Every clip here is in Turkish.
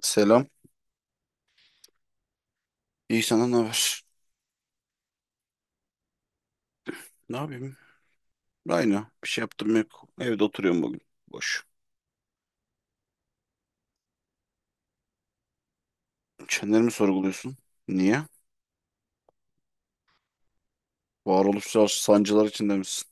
Selam. İyi sana ne haber? Ne yapayım? Aynı. Bir şey yaptım yok. Evde oturuyorum bugün. Boş. Kendini mi sorguluyorsun? Niye? Varoluşsal sancılar içinde misin?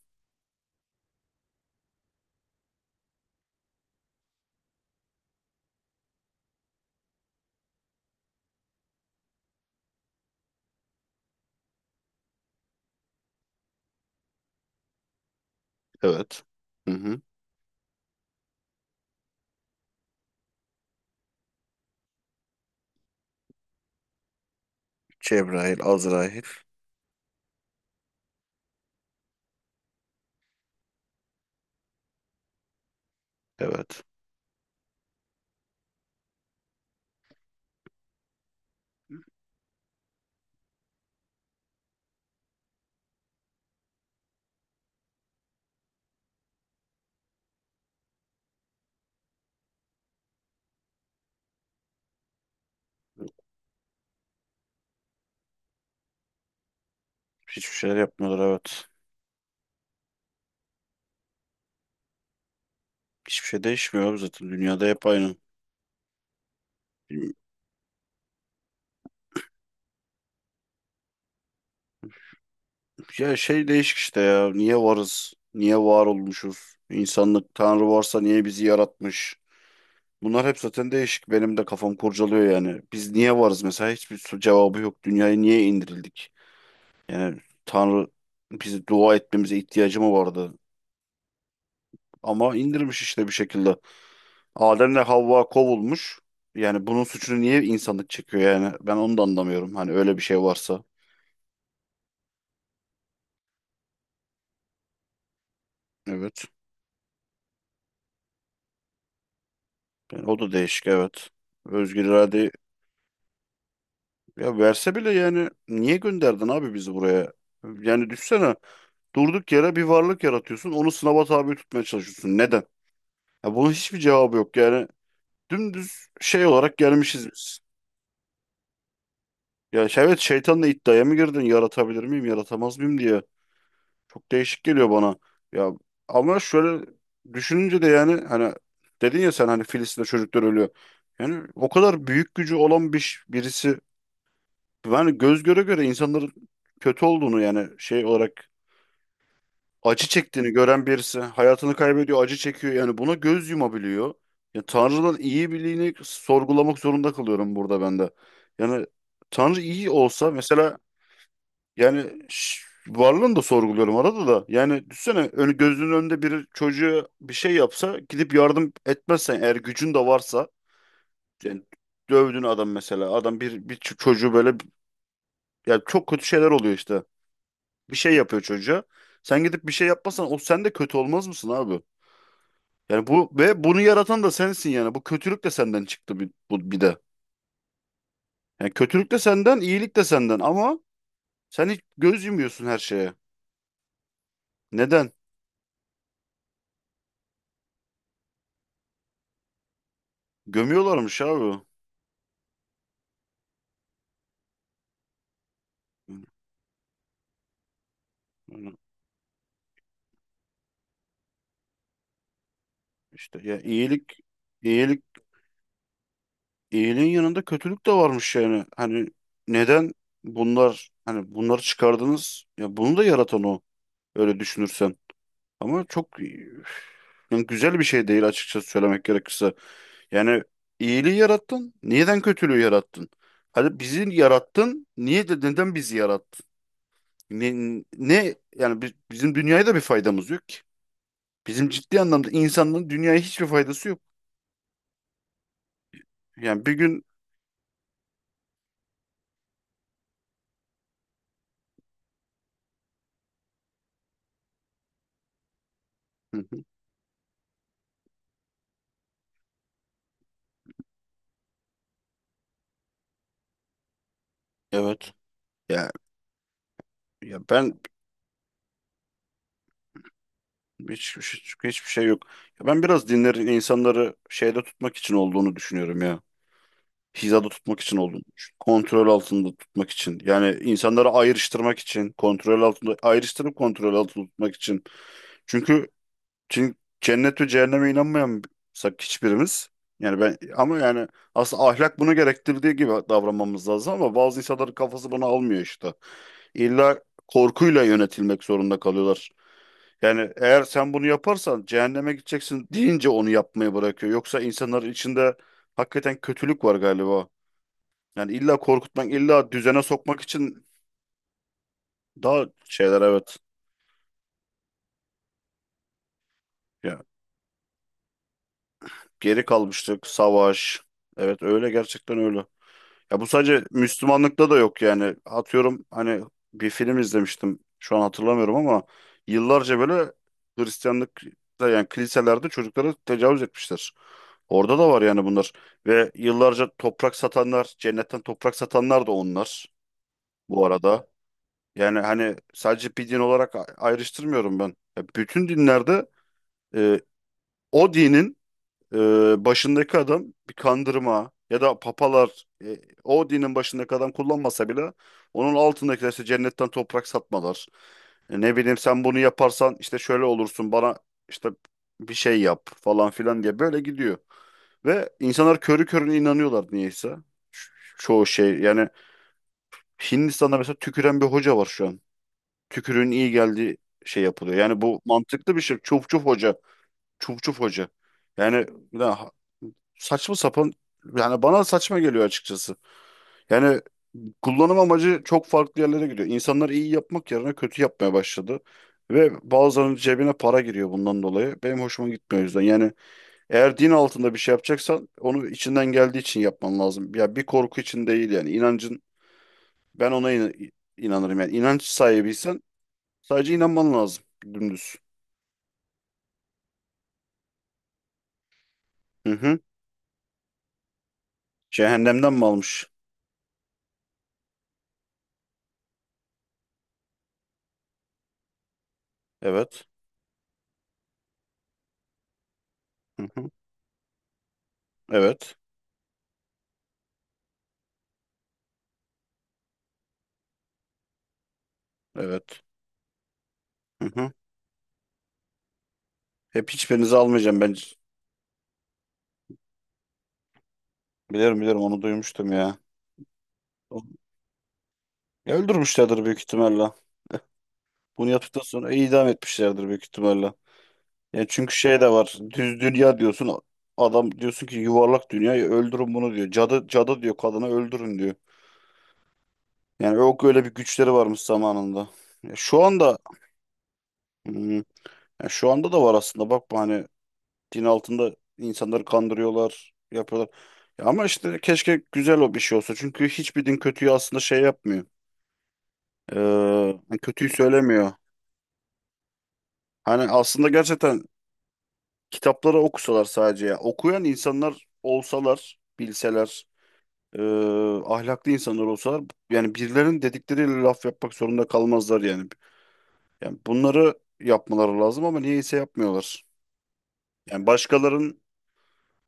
Evet. Hı hı. Cebrail, Azrail. Evet. Hiçbir şeyler yapmıyorlar evet. Hiçbir şey değişmiyor abi zaten. Dünyada hep aynı. Ya şey değişik işte ya. Niye varız? Niye var olmuşuz? İnsanlık Tanrı varsa niye bizi yaratmış? Bunlar hep zaten değişik. Benim de kafam kurcalıyor yani. Biz niye varız mesela? Cevabı yok. Dünyaya niye indirildik? Yani Tanrı bizi dua etmemize ihtiyacı mı vardı? Ama indirmiş işte bir şekilde. Adem'le Havva kovulmuş. Yani bunun suçunu niye insanlık çekiyor yani? Ben onu da anlamıyorum. Hani öyle bir şey varsa. Evet. Yani o da değişik evet. Özgür irade ya verse bile yani niye gönderdin abi bizi buraya? Yani düşsene durduk yere bir varlık yaratıyorsun onu sınava tabi tutmaya çalışıyorsun. Neden? Ya bunun hiçbir cevabı yok yani. Dümdüz şey olarak gelmişiz biz. Evet, şeytanla iddiaya mı girdin? Yaratabilir miyim, yaratamaz mıyım diye. Çok değişik geliyor bana. Ya ama şöyle düşününce de yani hani dedin ya sen hani Filistin'de çocuklar ölüyor. Yani o kadar büyük gücü olan bir birisi yani göz göre göre insanların kötü olduğunu yani şey olarak acı çektiğini gören birisi hayatını kaybediyor, acı çekiyor. Yani buna göz yumabiliyor. Ya Tanrı'nın iyi birliğini sorgulamak zorunda kalıyorum burada ben de. Yani Tanrı iyi olsa mesela yani varlığını da sorguluyorum arada da. Yani düşünsene önü gözünün önünde bir çocuğa bir şey yapsa gidip yardım etmezsen eğer gücün de varsa yani dövdün adam mesela adam bir çocuğu böyle yani çok kötü şeyler oluyor işte. Bir şey yapıyor çocuğa. Sen gidip bir şey yapmasan o sen de kötü olmaz mısın abi? Yani bu ve bunu yaratan da sensin yani. Bu kötülük de senden çıktı bir, bu, bir de. Yani kötülük de senden, iyilik de senden ama sen hiç göz yumuyorsun her şeye. Neden? Gömüyorlarmış abi. Yani İşte ya iyilik iyiliğin yanında kötülük de varmış yani. Hani neden bunlar hani bunları çıkardınız? Ya bunu da yaratan o öyle düşünürsen. Ama çok yani güzel bir şey değil açıkçası söylemek gerekirse. Yani iyiliği yarattın. Neden kötülüğü yarattın? Hadi bizi yarattın. Niye de neden bizi yarattın? Ne, ne yani bizim dünyaya da bir faydamız yok ki. Bizim ciddi anlamda insanlığın dünyaya hiçbir faydası yok. Yani bir gün. Hı hı. Evet. Ya ya ben hiçbir şey yok. Ya ben biraz dinlerin insanları şeyde tutmak için olduğunu düşünüyorum ya. Hizada tutmak için olduğunu düşün. Kontrol altında tutmak için. Yani insanları ayrıştırmak için, kontrol altında ayrıştırıp kontrol altında tutmak için. Çünkü çünkü cennet ve cehenneme inanmayansak hiçbirimiz yani ben ama yani aslında ahlak bunu gerektirdiği gibi davranmamız lazım ama bazı insanların kafası bunu almıyor işte. İlla korkuyla yönetilmek zorunda kalıyorlar. Yani eğer sen bunu yaparsan cehenneme gideceksin deyince onu yapmayı bırakıyor. Yoksa insanların içinde hakikaten kötülük var galiba. Yani illa korkutmak, illa düzene sokmak için daha şeyler evet. Ya geri kalmıştık, savaş. Evet öyle gerçekten öyle. Ya bu sadece Müslümanlıkta da yok yani. Atıyorum hani bir film izlemiştim. Şu an hatırlamıyorum ama yıllarca böyle Hristiyanlıkta yani kiliselerde çocuklara tecavüz etmişler. Orada da var yani bunlar. Ve yıllarca toprak satanlar, cennetten toprak satanlar da onlar bu arada. Yani hani sadece bir din olarak ayrıştırmıyorum ben. Ya bütün dinlerde e, o dinin e, başındaki adam bir kandırma ya da papalar o dinin başındaki adam kullanmasa bile onun altındakiler işte cennetten toprak satmalar. Ne bileyim sen bunu yaparsan işte şöyle olursun bana işte bir şey yap falan filan diye böyle gidiyor. Ve insanlar körü körüne inanıyorlar niyeyse. Çoğu şey yani Hindistan'da mesela tüküren bir hoca var şu an. Tükürüğün iyi geldiği şey yapılıyor. Yani bu mantıklı bir şey. Çuf çuf hoca. Çuf çuf hoca. Yani ya, saçma sapan yani bana saçma geliyor açıkçası. Yani kullanım amacı çok farklı yerlere gidiyor. İnsanlar iyi yapmak yerine kötü yapmaya başladı. Ve bazılarının cebine para giriyor bundan dolayı. Benim hoşuma gitmiyor o yüzden. Yani eğer din altında bir şey yapacaksan onu içinden geldiği için yapman lazım. Ya bir korku için değil yani. İnancın ben ona inanırım yani. İnanç sahibiysen sadece inanman lazım dümdüz. Hı hı. Cehennemden mi almış? Evet. Hı hı. Evet. Evet. Hı hı. Hep hiçbirinizi almayacağım ben. Biliyorum onu duymuştum ya. Ya öldürmüşlerdir büyük ihtimalle. Bunu yaptıktan sonra idam etmişlerdir büyük ihtimalle. Yani çünkü şey de var. Düz dünya diyorsun. Adam diyorsun ki yuvarlak dünya öldürün bunu diyor. Cadı cadı diyor kadına öldürün diyor. Yani yok öyle bir güçleri varmış zamanında. Ya şu anda hmm, ya şu anda da var aslında. Bakma hani din altında insanları kandırıyorlar, yapıyorlar. Ya ama işte keşke güzel o bir şey olsa. Çünkü hiçbir din kötüyü aslında şey yapmıyor. Ee, Hani kötüyü söylemiyor. Hani aslında gerçekten kitapları okusalar sadece ya. Okuyan insanlar olsalar, bilseler, ee, ahlaklı insanlar olsalar yani birilerinin dedikleriyle laf yapmak zorunda kalmazlar yani. Yani bunları yapmaları lazım ama niyeyse yapmıyorlar. Yani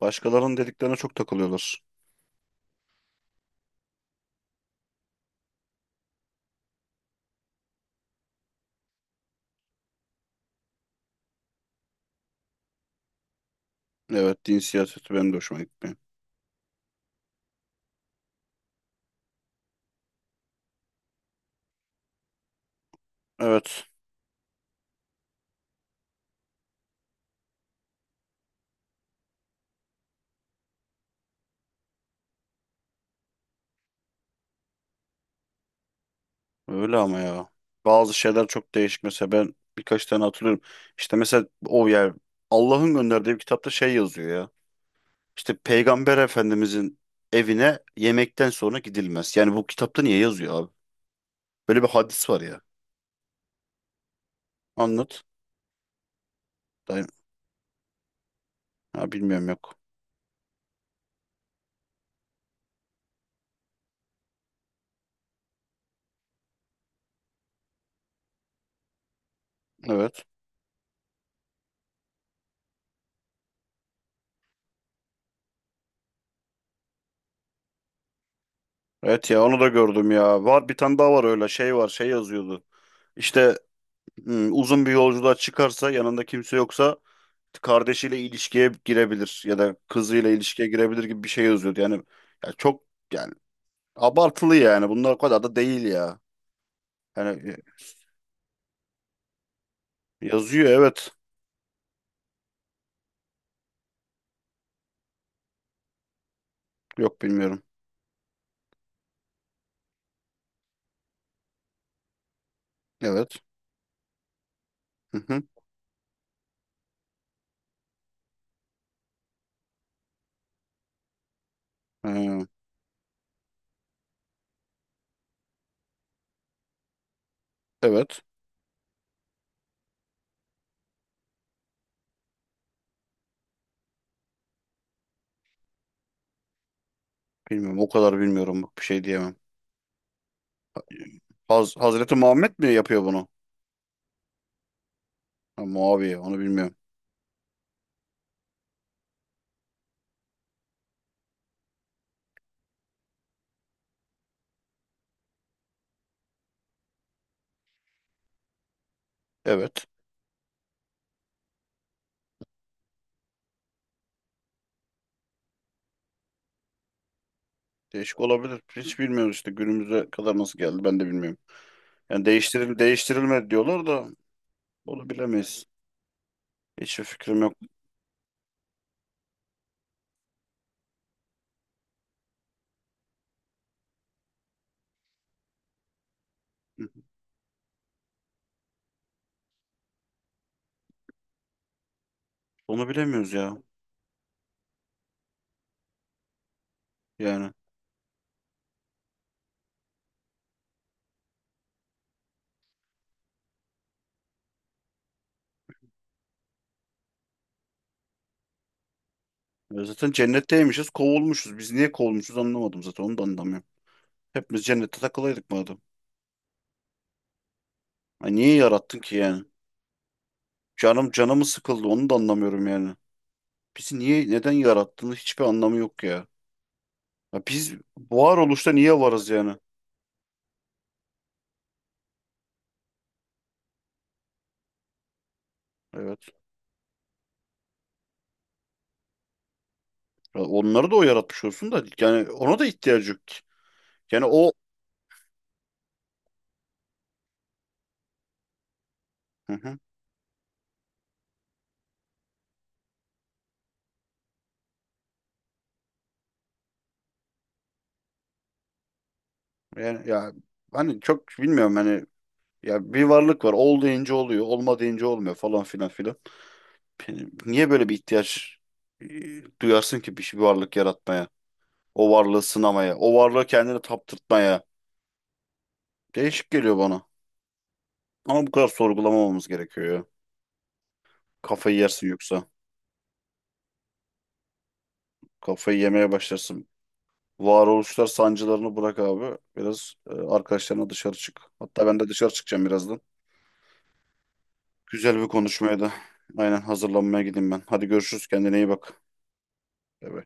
başkalarının dediklerine çok takılıyorlar. Evet, din siyaseti benim de hoşuma gitmiyor. Evet. Öyle ama ya. Bazı şeyler çok değişik. Mesela ben birkaç tane hatırlıyorum. İşte mesela o yer Allah'ın gönderdiği bir kitapta şey yazıyor ya. İşte Peygamber Efendimizin evine yemekten sonra gidilmez. Yani bu kitapta niye yazıyor abi? Böyle bir hadis var ya. Anlat. Ben- Ha, bilmiyorum yok. Evet. Evet ya onu da gördüm ya. Var bir tane daha var öyle şey var şey yazıyordu. İşte uzun bir yolculuğa çıkarsa yanında kimse yoksa kardeşiyle ilişkiye girebilir ya da kızıyla ilişkiye girebilir gibi bir şey yazıyordu. Yani ya çok yani abartılı yani. Bunlar o kadar da değil ya. Yani yazıyor evet. Yok bilmiyorum. Evet. Hı hı. Ee, evet. Bilmiyorum. O kadar bilmiyorum. Bak, bir şey diyemem. Hazreti Muhammed mi yapıyor bunu? Ha, Muaviye. Onu bilmiyorum. Evet. Değişik olabilir. Hiç bilmiyoruz işte. Günümüze kadar nasıl geldi ben de bilmiyorum. Yani değiştirilme diyorlar da onu bilemeyiz. Hiçbir fikrim yok. Hı hı. Onu bilemiyoruz ya. Yani ya zaten cennetteymişiz, kovulmuşuz. Biz niye kovulmuşuz anlamadım zaten onu da anlamıyorum. Hepimiz cennette takılaydık madem. Ay niye yarattın ki yani? Canım canımı sıkıldı onu da anlamıyorum yani. Bizi niye neden yarattığını hiçbir anlamı yok ya. Ya biz varoluşta niye varız yani? Evet. Ya onları da o yaratmış olsun da yani ona da ihtiyacı yok ki. Yani o. Hı hı. Yani ya hani çok bilmiyorum hani ya bir varlık var. Ol deyince oluyor, olma deyince olmuyor falan filan filan. Yani niye böyle bir ihtiyaç duyarsın ki bir varlık yaratmaya? O varlığı sınamaya, o varlığı kendine taptırtmaya. Değişik geliyor bana. Ama bu kadar sorgulamamamız gerekiyor ya. Kafayı yersin yoksa. Kafayı yemeye başlarsın. Varoluşlar sancılarını bırak abi. Biraz arkadaşlarına dışarı çık. Hatta ben de dışarı çıkacağım birazdan. Güzel bir konuşmaya da aynen hazırlanmaya gideyim ben. Hadi görüşürüz. Kendine iyi bak. Bay bay.